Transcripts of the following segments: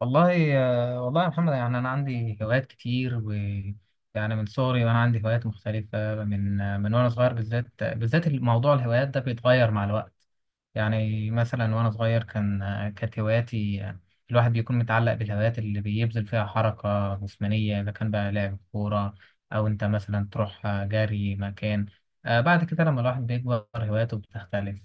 والله والله يا محمد، يعني انا عندي هوايات كتير و يعني من صغري وانا عندي هوايات مختلفه، من وانا صغير، بالذات الموضوع الهوايات ده بيتغير مع الوقت. يعني مثلا وانا صغير كانت هواياتي، الواحد بيكون متعلق بالهوايات اللي بيبذل فيها حركه جسمانيه، اذا كان بقى لعب كوره او انت مثلا تروح جري مكان. بعد كده لما الواحد بيكبر هواياته بتختلف.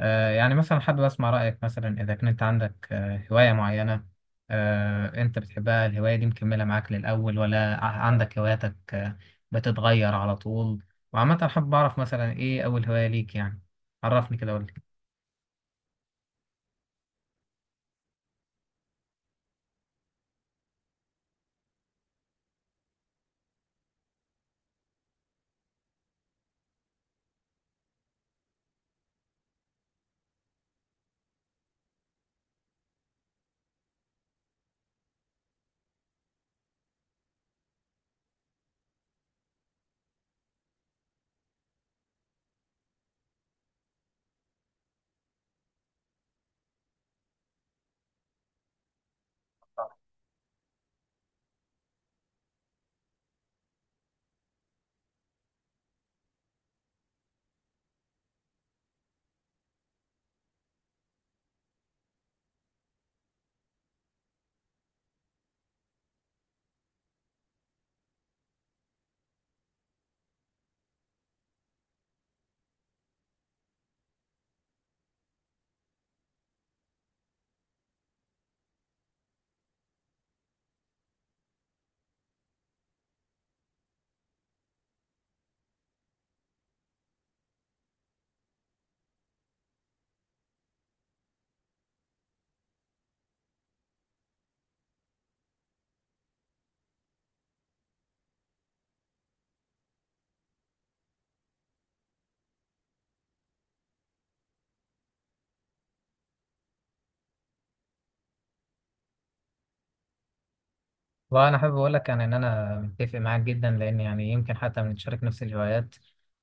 يعني مثلا حابب أسمع رأيك، مثلا إذا كنت عندك هواية معينة أنت بتحبها، الهواية دي مكملة معاك للأول ولا عندك هواياتك بتتغير على طول؟ وعامة حابب أعرف مثلا إيه أول هواية ليك يعني. عرفني كده قول لي. وانا حابب اقول لك يعني ان انا متفق معاك جدا، لان يعني يمكن حتى بنتشارك نفس الهوايات.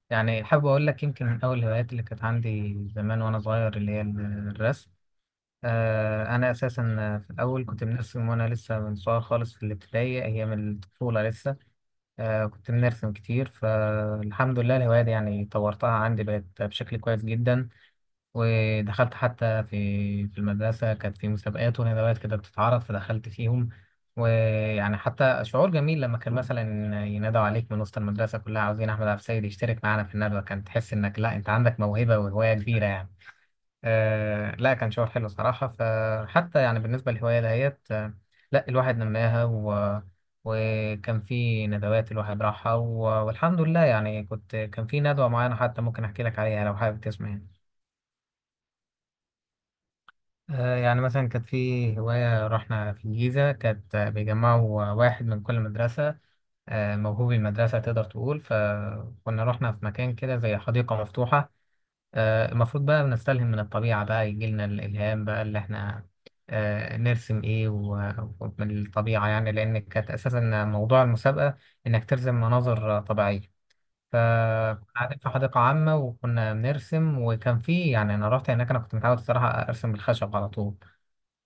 يعني حابب اقول لك، يمكن من اول الهوايات اللي كانت عندي زمان وانا صغير اللي هي الرسم. أنا أساسا في الأول كنت بنرسم وأنا لسه من صغير خالص، في الابتدائي أيام الطفولة لسه. كنت بنرسم كتير، فالحمد لله الهواية دي يعني طورتها عندي بقت بشكل كويس جدا. ودخلت حتى في المدرسة كانت في مسابقات وندوات كده بتتعرض فدخلت فيهم. ويعني حتى شعور جميل لما كان مثلا ينادوا عليك من وسط المدرسة كلها عاوزين أحمد عبد السيد يشترك معانا في الندوة، كان تحس إنك لا أنت عندك موهبة وهواية كبيرة يعني. لا كان شعور حلو صراحة، فحتى يعني بالنسبة للهواية دهيت لا الواحد نماها، وكان في ندوات الواحد راحها، والحمد لله يعني. كنت كان في ندوة معينة حتى ممكن أحكي لك عليها لو حابب تسمع يعني. يعني مثلا كانت في هواية، رحنا في الجيزة، كانت بيجمعوا واحد من كل مدرسة موهوب، المدرسة تقدر تقول. فكنا رحنا في مكان كده زي حديقة مفتوحة. المفروض بقى بنستلهم من الطبيعة بقى، يجيلنا الإلهام بقى اللي احنا نرسم ايه ومن الطبيعة، يعني لأن كانت أساسا موضوع المسابقة إنك ترسم مناظر طبيعية. فكنا قاعدين في حديقة عامة وكنا بنرسم وكان في، يعني أنا رحت هناك، أنا كنت متعود الصراحة أرسم بالخشب على طول.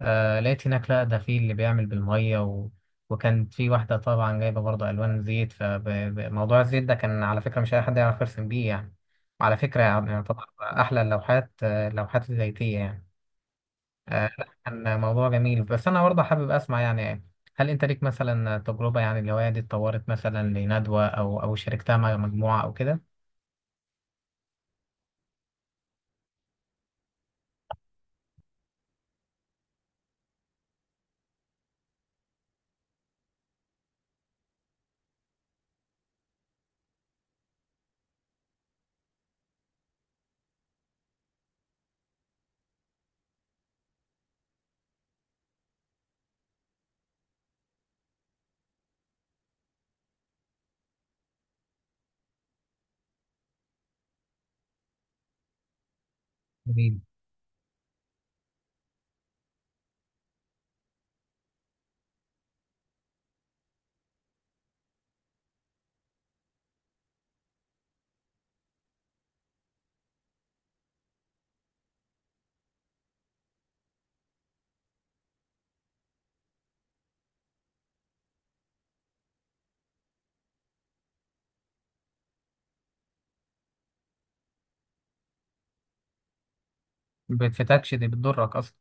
لقيت هناك لا ده في اللي بيعمل بالمية، وكانت في واحدة طبعا جايبة برضه ألوان زيت، فموضوع الزيت ده كان على فكرة مش أي حد يعرف يرسم بيه يعني. وعلى فكرة يعني يعتبر أحلى اللوحات اللوحات الزيتية يعني. لا كان موضوع جميل، بس أنا برضه حابب أسمع يعني: هل أنت ليك مثلا تجربة يعني الهواية دي اتطورت مثلا لندوة أو أو شاركتها مع مجموعة أو كده؟ جميل. بتفتكش دي بتضرك أصلا.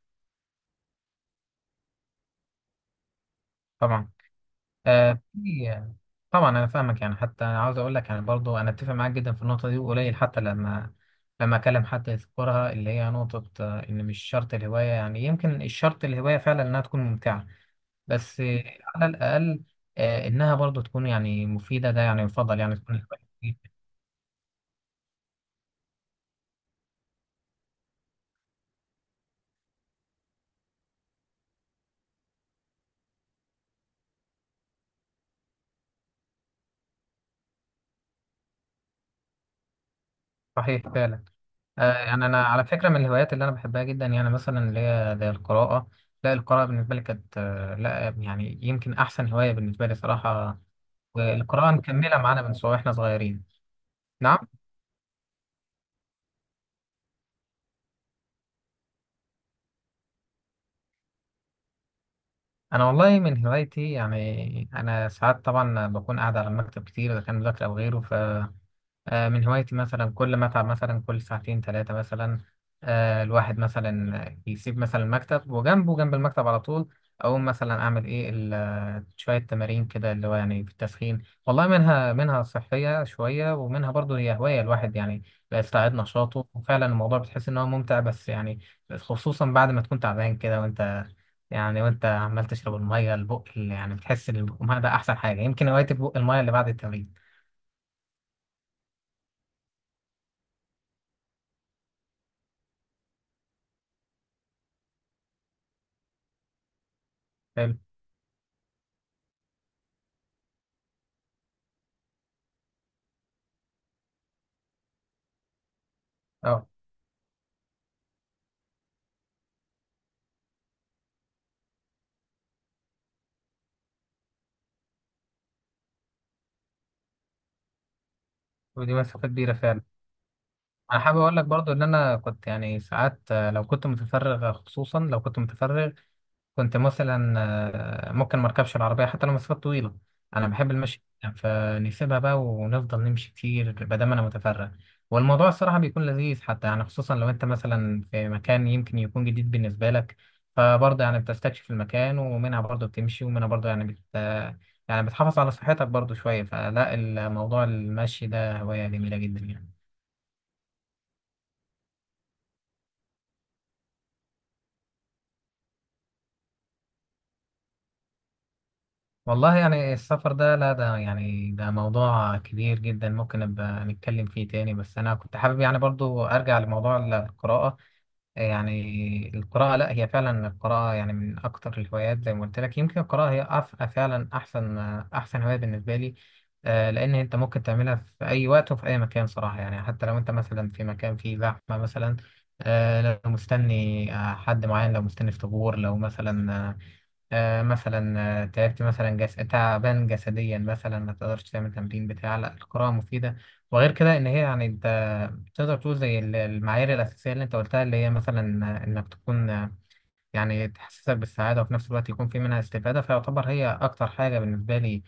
طبعا آه، في طبعا انا فاهمك، يعني حتى عاوز اقول لك يعني برضو انا اتفق معاك جدا في النقطه دي. وقليل حتى لما اكلم حد يذكرها، اللي هي نقطه ان مش شرط الهوايه يعني، يمكن الشرط الهوايه فعلا انها تكون ممتعه. بس على الاقل انها برضو تكون يعني مفيده، ده يعني يفضل يعني تكون الهوايه مفيدة. صحيح فعلا. يعني انا على فكره، من الهوايات اللي انا بحبها جدا يعني مثلا اللي هي زي القراءه. لا القراءه بالنسبه لي كانت لا يعني يمكن احسن هوايه بالنسبه لي صراحه. والقراءة مكملة معانا من سوا واحنا صغيرين. نعم. أنا والله من هوايتي، يعني أنا ساعات طبعا بكون قاعد على المكتب كتير إذا كان مذاكرة أو غيره. من هوايتي مثلا كل ما اتعب، مثلا كل ساعتين 3 مثلا الواحد مثلا يسيب مثلا المكتب وجنبه، جنب المكتب على طول أقوم مثلا أعمل إيه شوية تمارين كده، اللي هو يعني في التسخين والله. منها صحية شوية ومنها برضه هي هواية الواحد يعني بيستعيد نشاطه. وفعلا الموضوع بتحس إن هو ممتع بس يعني، خصوصا بعد ما تكون تعبان كده، وأنت يعني وأنت عمال تشرب المية البق اللي يعني بتحس إن البق المية ده أحسن حاجة. يمكن هوايتي بق المية اللي بعد التمرين. حلو. اه. ودي مسافة كبيرة فعلا. أنا حابب أقول لك برضو إن أنا كنت يعني ساعات لو كنت متفرغ، خصوصا لو كنت متفرغ كنت مثلا ممكن مركبش العربية حتى لو مسافات طويلة. أنا بحب المشي جداً، فنسيبها بقى ونفضل نمشي كتير بدل ما، دام أنا متفرغ. والموضوع الصراحة بيكون لذيذ حتى يعني، خصوصا لو أنت مثلا في مكان يمكن يكون جديد بالنسبة لك، فبرضه يعني بتستكشف المكان، ومنها برضه بتمشي ومنها برضه يعني بت، يعني بتحافظ على صحتك برضه شوية، فلا الموضوع المشي ده هواية جميلة جدا يعني. والله يعني السفر ده، لا ده يعني ده موضوع كبير جدا ممكن نبقى نتكلم فيه تاني، بس أنا كنت حابب يعني برضو أرجع لموضوع القراءة. يعني القراءة لا هي فعلا، القراءة يعني من أكتر الهوايات زي ما قلت لك. يمكن القراءة هي فعلا أحسن هواية بالنسبة لي. لأن أنت ممكن تعملها في أي وقت وفي أي مكان صراحة، يعني حتى لو أنت مثلا في مكان فيه زحمة مثلا لو مستني حد معين، لو مستني في طابور، لو مثلا آه، مثلا تعبت مثلا تعبان جسديا مثلا، ما تقدرش تعمل تمرين بتاع، لا القراءة مفيدة. وغير كده ان هي يعني انت تقدر تقول زي المعايير الأساسية اللي انت قلتها اللي هي مثلا انك تكون يعني تحسسك بالسعادة، وفي نفس الوقت يكون في منها استفادة، فيعتبر هي أكتر حاجة بالنسبة لي.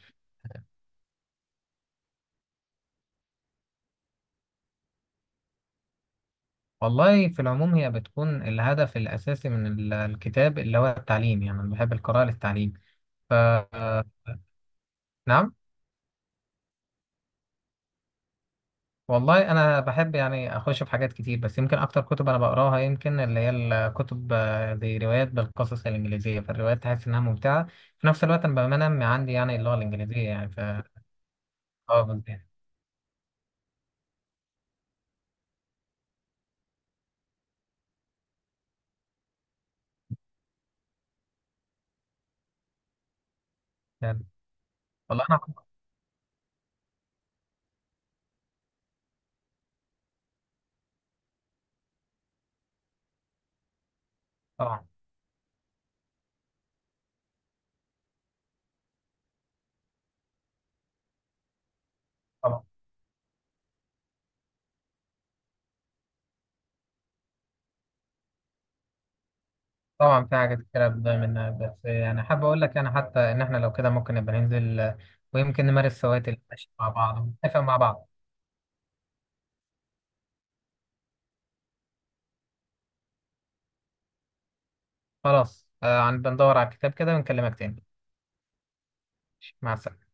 والله في العموم هي بتكون الهدف الأساسي من الكتاب، اللي هو التعليم يعني. أنا بحب القراءة للتعليم، ف آه، نعم. والله انا بحب يعني اخش في حاجات كتير، بس يمكن اكتر كتب انا بقراها يمكن اللي هي الكتب زي روايات بالقصص الانجليزيه، فالروايات تحس انها ممتعه. في نفس الوقت انا بنمي عندي يعني اللغه الانجليزيه يعني ف. اه بالظبط. يعني والله انا. طبعا طبعا طبعا في حاجات كتير بتضيع منها، بس يعني حابب اقول لك يعني حتى ان احنا لو كده ممكن نبقى ننزل ويمكن نمارس هوايات المشي مع بعض ونتفق مع بعض. خلاص عن بندور على الكتاب كده ونكلمك تاني. مع السلامه.